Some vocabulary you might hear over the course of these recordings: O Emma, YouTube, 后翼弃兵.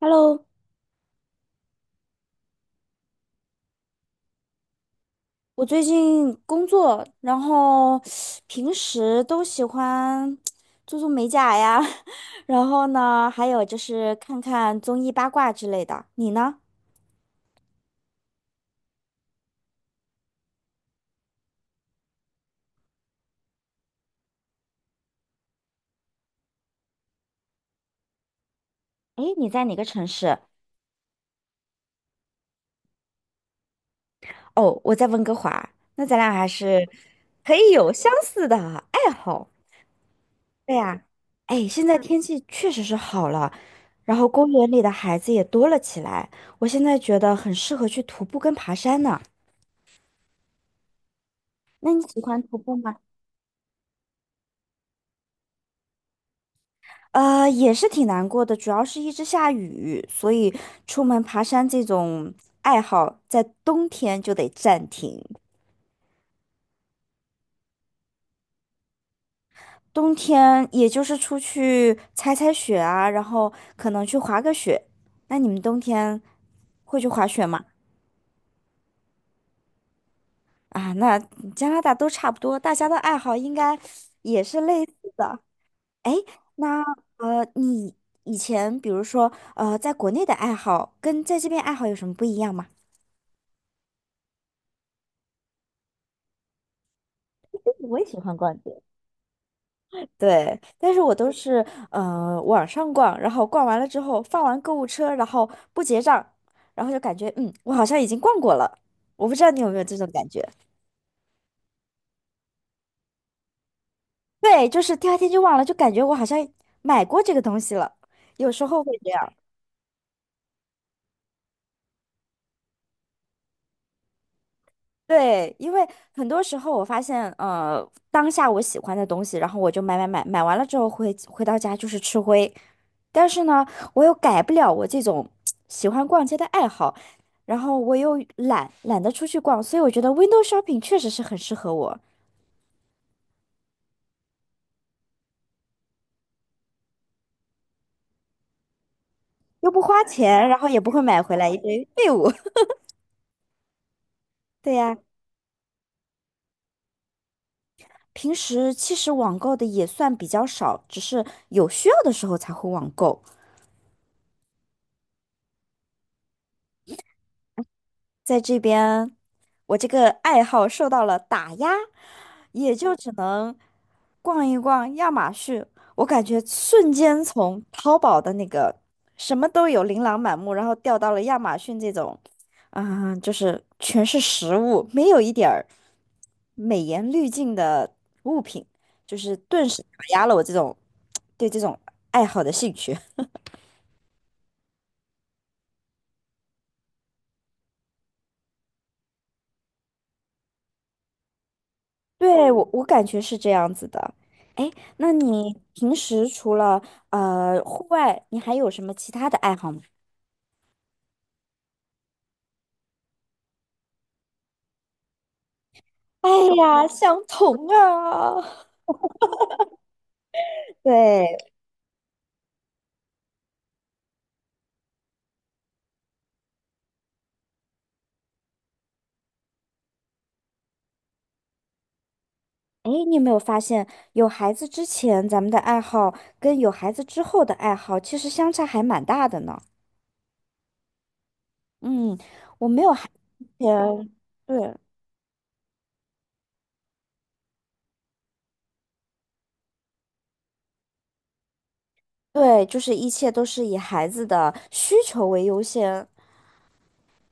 Hello，我最近工作，然后平时都喜欢做做美甲呀，然后呢，还有就是看看综艺八卦之类的。你呢？诶，你在哪个城市？哦，我在温哥华。那咱俩还是 可以有相似的爱好。对呀，哎，现在天气确实是好了，然后公园里的孩子也多了起来。我现在觉得很适合去徒步跟爬山呢。那你喜欢徒步吗？也是挺难过的，主要是一直下雨，所以出门爬山这种爱好在冬天就得暂停。冬天也就是出去踩踩雪啊，然后可能去滑个雪。那你们冬天会去滑雪吗？啊，那加拿大都差不多，大家的爱好应该也是类似的。那你以前比如说在国内的爱好跟在这边爱好有什么不一样吗？我也喜欢逛街。对，但是我都是网上逛，然后逛完了之后放完购物车，然后不结账，然后就感觉我好像已经逛过了。我不知道你有没有这种感觉？对，就是第二天就忘了，就感觉我好像买过这个东西了，有时候会这样。对，因为很多时候我发现，当下我喜欢的东西，然后我就买买买，买完了之后回到家就是吃灰。但是呢，我又改不了我这种喜欢逛街的爱好，然后我又懒，懒得出去逛，所以我觉得 window shopping 确实是很适合我，又不花钱，然后也不会买回来一堆废物。对呀，平时其实网购的也算比较少，只是有需要的时候才会网购。在这边，我这个爱好受到了打压，也就只能逛一逛亚马逊。我感觉瞬间从淘宝的那个什么都有、琳琅满目，然后掉到了亚马逊这种，啊、就是全是食物，没有一点儿美颜滤镜的物品，就是顿时打压了我这种对这种爱好的兴趣。对，我感觉是这样子的。哎，那你平时除了户外，你还有什么其他的爱好吗？哎呀，相同啊！对，哎，你有没有发现，有孩子之前咱们的爱好跟有孩子之后的爱好其实相差还蛮大的呢？嗯，我没有孩子前对对，就是一切都是以孩子的需求为优先。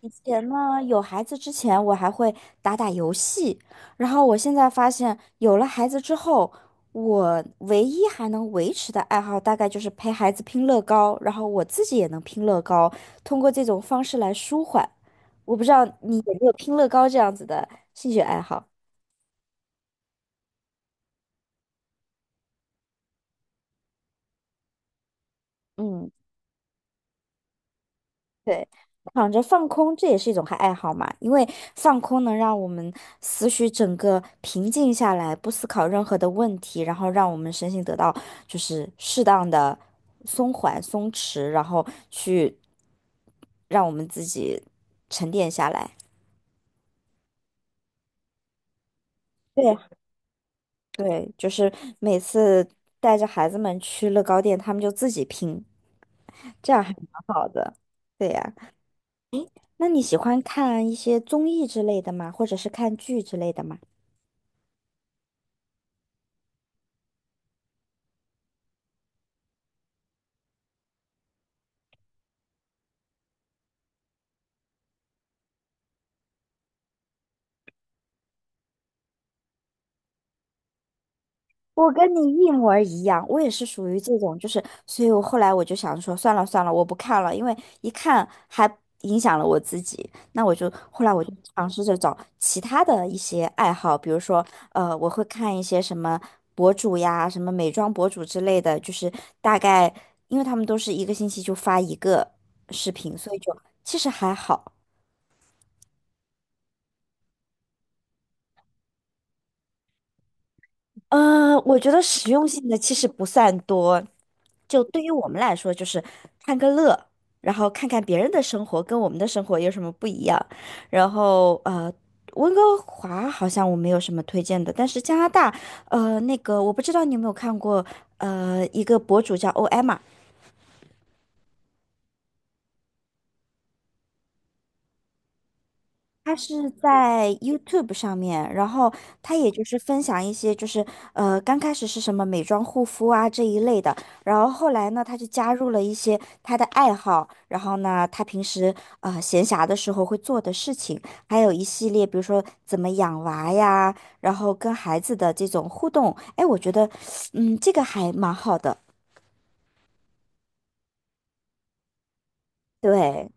以前呢，有孩子之前，我还会打打游戏，然后我现在发现，有了孩子之后，我唯一还能维持的爱好，大概就是陪孩子拼乐高，然后我自己也能拼乐高，通过这种方式来舒缓。我不知道你有没有拼乐高这样子的兴趣爱好？嗯。对，躺着放空，这也是一种爱好嘛，因为放空能让我们思绪整个平静下来，不思考任何的问题，然后让我们身心得到就是适当的松缓、松弛，然后去让我们自己沉淀下来。对对，就是每次带着孩子们去乐高店，他们就自己拼，这样还蛮好的。对呀，那你喜欢看一些综艺之类的吗？或者是看剧之类的吗？我跟你一模儿一样，我也是属于这种，就是，所以我后来我就想说，算了算了，我不看了，因为一看还影响了我自己。那我就后来我就尝试着找其他的一些爱好，比如说，我会看一些什么博主呀，什么美妆博主之类的，就是大概，因为他们都是一个星期就发一个视频，所以就其实还好。我觉得实用性的其实不算多，就对于我们来说，就是看个乐，然后看看别人的生活跟我们的生活有什么不一样。然后温哥华好像我没有什么推荐的，但是加拿大，那个我不知道你有没有看过，一个博主叫 OM。他是在 YouTube 上面，然后他也就是分享一些，就是刚开始是什么美妆护肤啊这一类的，然后后来呢，他就加入了一些他的爱好，然后呢，他平时闲暇的时候会做的事情，还有一系列，比如说怎么养娃呀，然后跟孩子的这种互动，哎，我觉得，嗯，这个还蛮好的，对，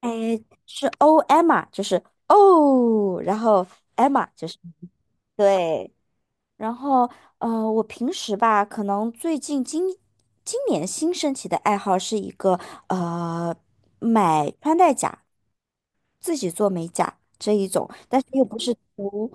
哎，是 O Emma，就是哦，然后 Emma 就是对。然后，我平时吧，可能最近今年新升起的爱好是一个呃，买穿戴甲，自己做美甲这一种，但是又不是涂。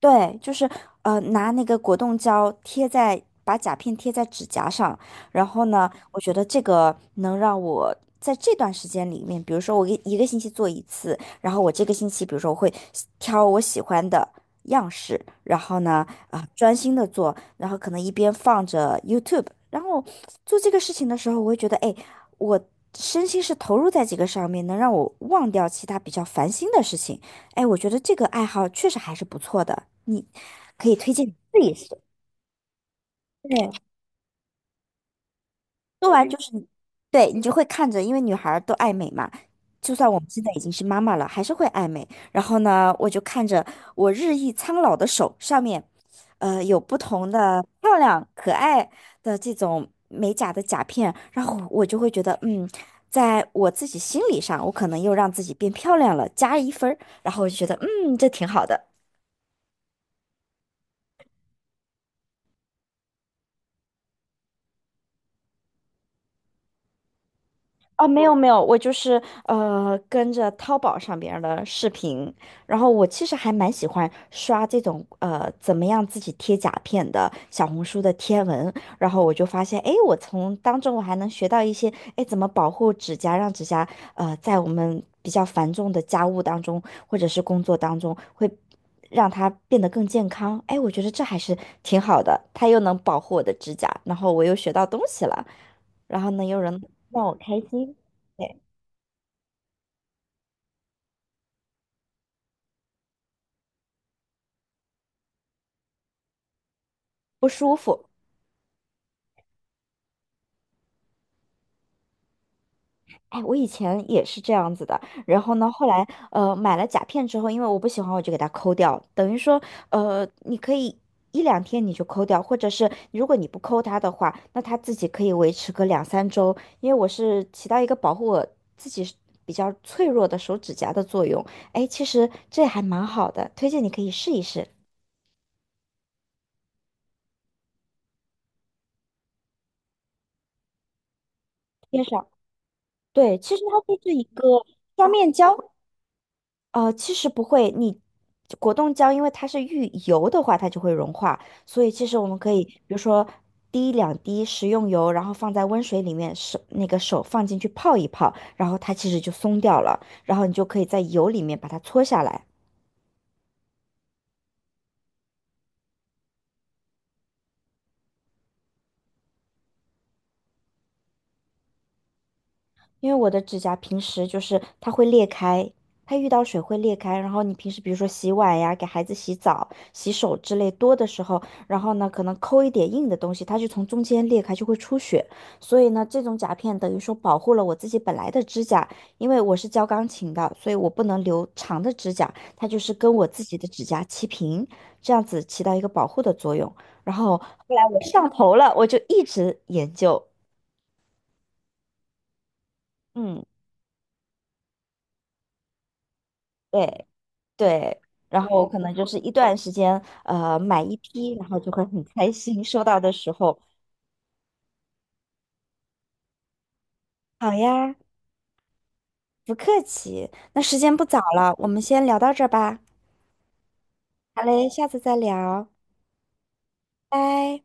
对，就是拿那个果冻胶贴在，把甲片贴在指甲上，然后呢，我觉得这个能让我在这段时间里面，比如说我一个星期做一次，然后我这个星期，比如说我会挑我喜欢的样式，然后呢，啊、专心的做，然后可能一边放着 YouTube，然后做这个事情的时候，我会觉得，哎，我身心是投入在这个上面，能让我忘掉其他比较烦心的事情。哎，我觉得这个爱好确实还是不错的，你可以推荐你试一试。对，做完就是你，对，你就会看着，因为女孩儿都爱美嘛，就算我们现在已经是妈妈了，还是会爱美。然后呢，我就看着我日益苍老的手上面，有不同的漂亮可爱的这种美甲的甲片，然后我就会觉得，嗯，在我自己心理上，我可能又让自己变漂亮了，加一分儿，然后我就觉得，嗯，这挺好的。哦，没有没有，我就是跟着淘宝上边儿的视频，然后我其实还蛮喜欢刷这种怎么样自己贴甲片的小红书的贴文，然后我就发现，哎，我从当中我还能学到一些，哎，怎么保护指甲，让指甲在我们比较繁重的家务当中或者是工作当中会让它变得更健康，哎，我觉得这还是挺好的，它又能保护我的指甲，然后我又学到东西了。然后呢，又能 让我开心，对，不舒服。哎，我以前也是这样子的，然后呢，后来买了甲片之后，因为我不喜欢，我就给它抠掉，等于说你可以一两天你就抠掉，或者是如果你不抠它的话，那它自己可以维持个两三周，因为我是起到一个保护我自己是比较脆弱的手指甲的作用。哎，其实这还蛮好的，推荐你可以试一试。贴上，对，其实它就是一个双面胶。其实不会，你果冻胶因为它是遇油的话，它就会融化，所以其实我们可以，比如说滴两滴食用油，然后放在温水里面，那个手放进去泡一泡，然后它其实就松掉了，然后你就可以在油里面把它搓下来。因为我的指甲平时就是它会裂开，它遇到水会裂开。然后你平时比如说洗碗呀、给孩子洗澡、洗手之类多的时候，然后呢可能抠一点硬的东西，它就从中间裂开，就会出血。所以呢，这种甲片等于说保护了我自己本来的指甲，因为我是教钢琴的，所以我不能留长的指甲，它就是跟我自己的指甲齐平，这样子起到一个保护的作用。然后后来我上头了，我就一直研究，嗯，对。对，然后我可能就是一段时间，买一批，然后就会很开心。收到的时候，好呀，不客气。那时间不早了，我们先聊到这儿吧。好嘞，下次再聊，拜。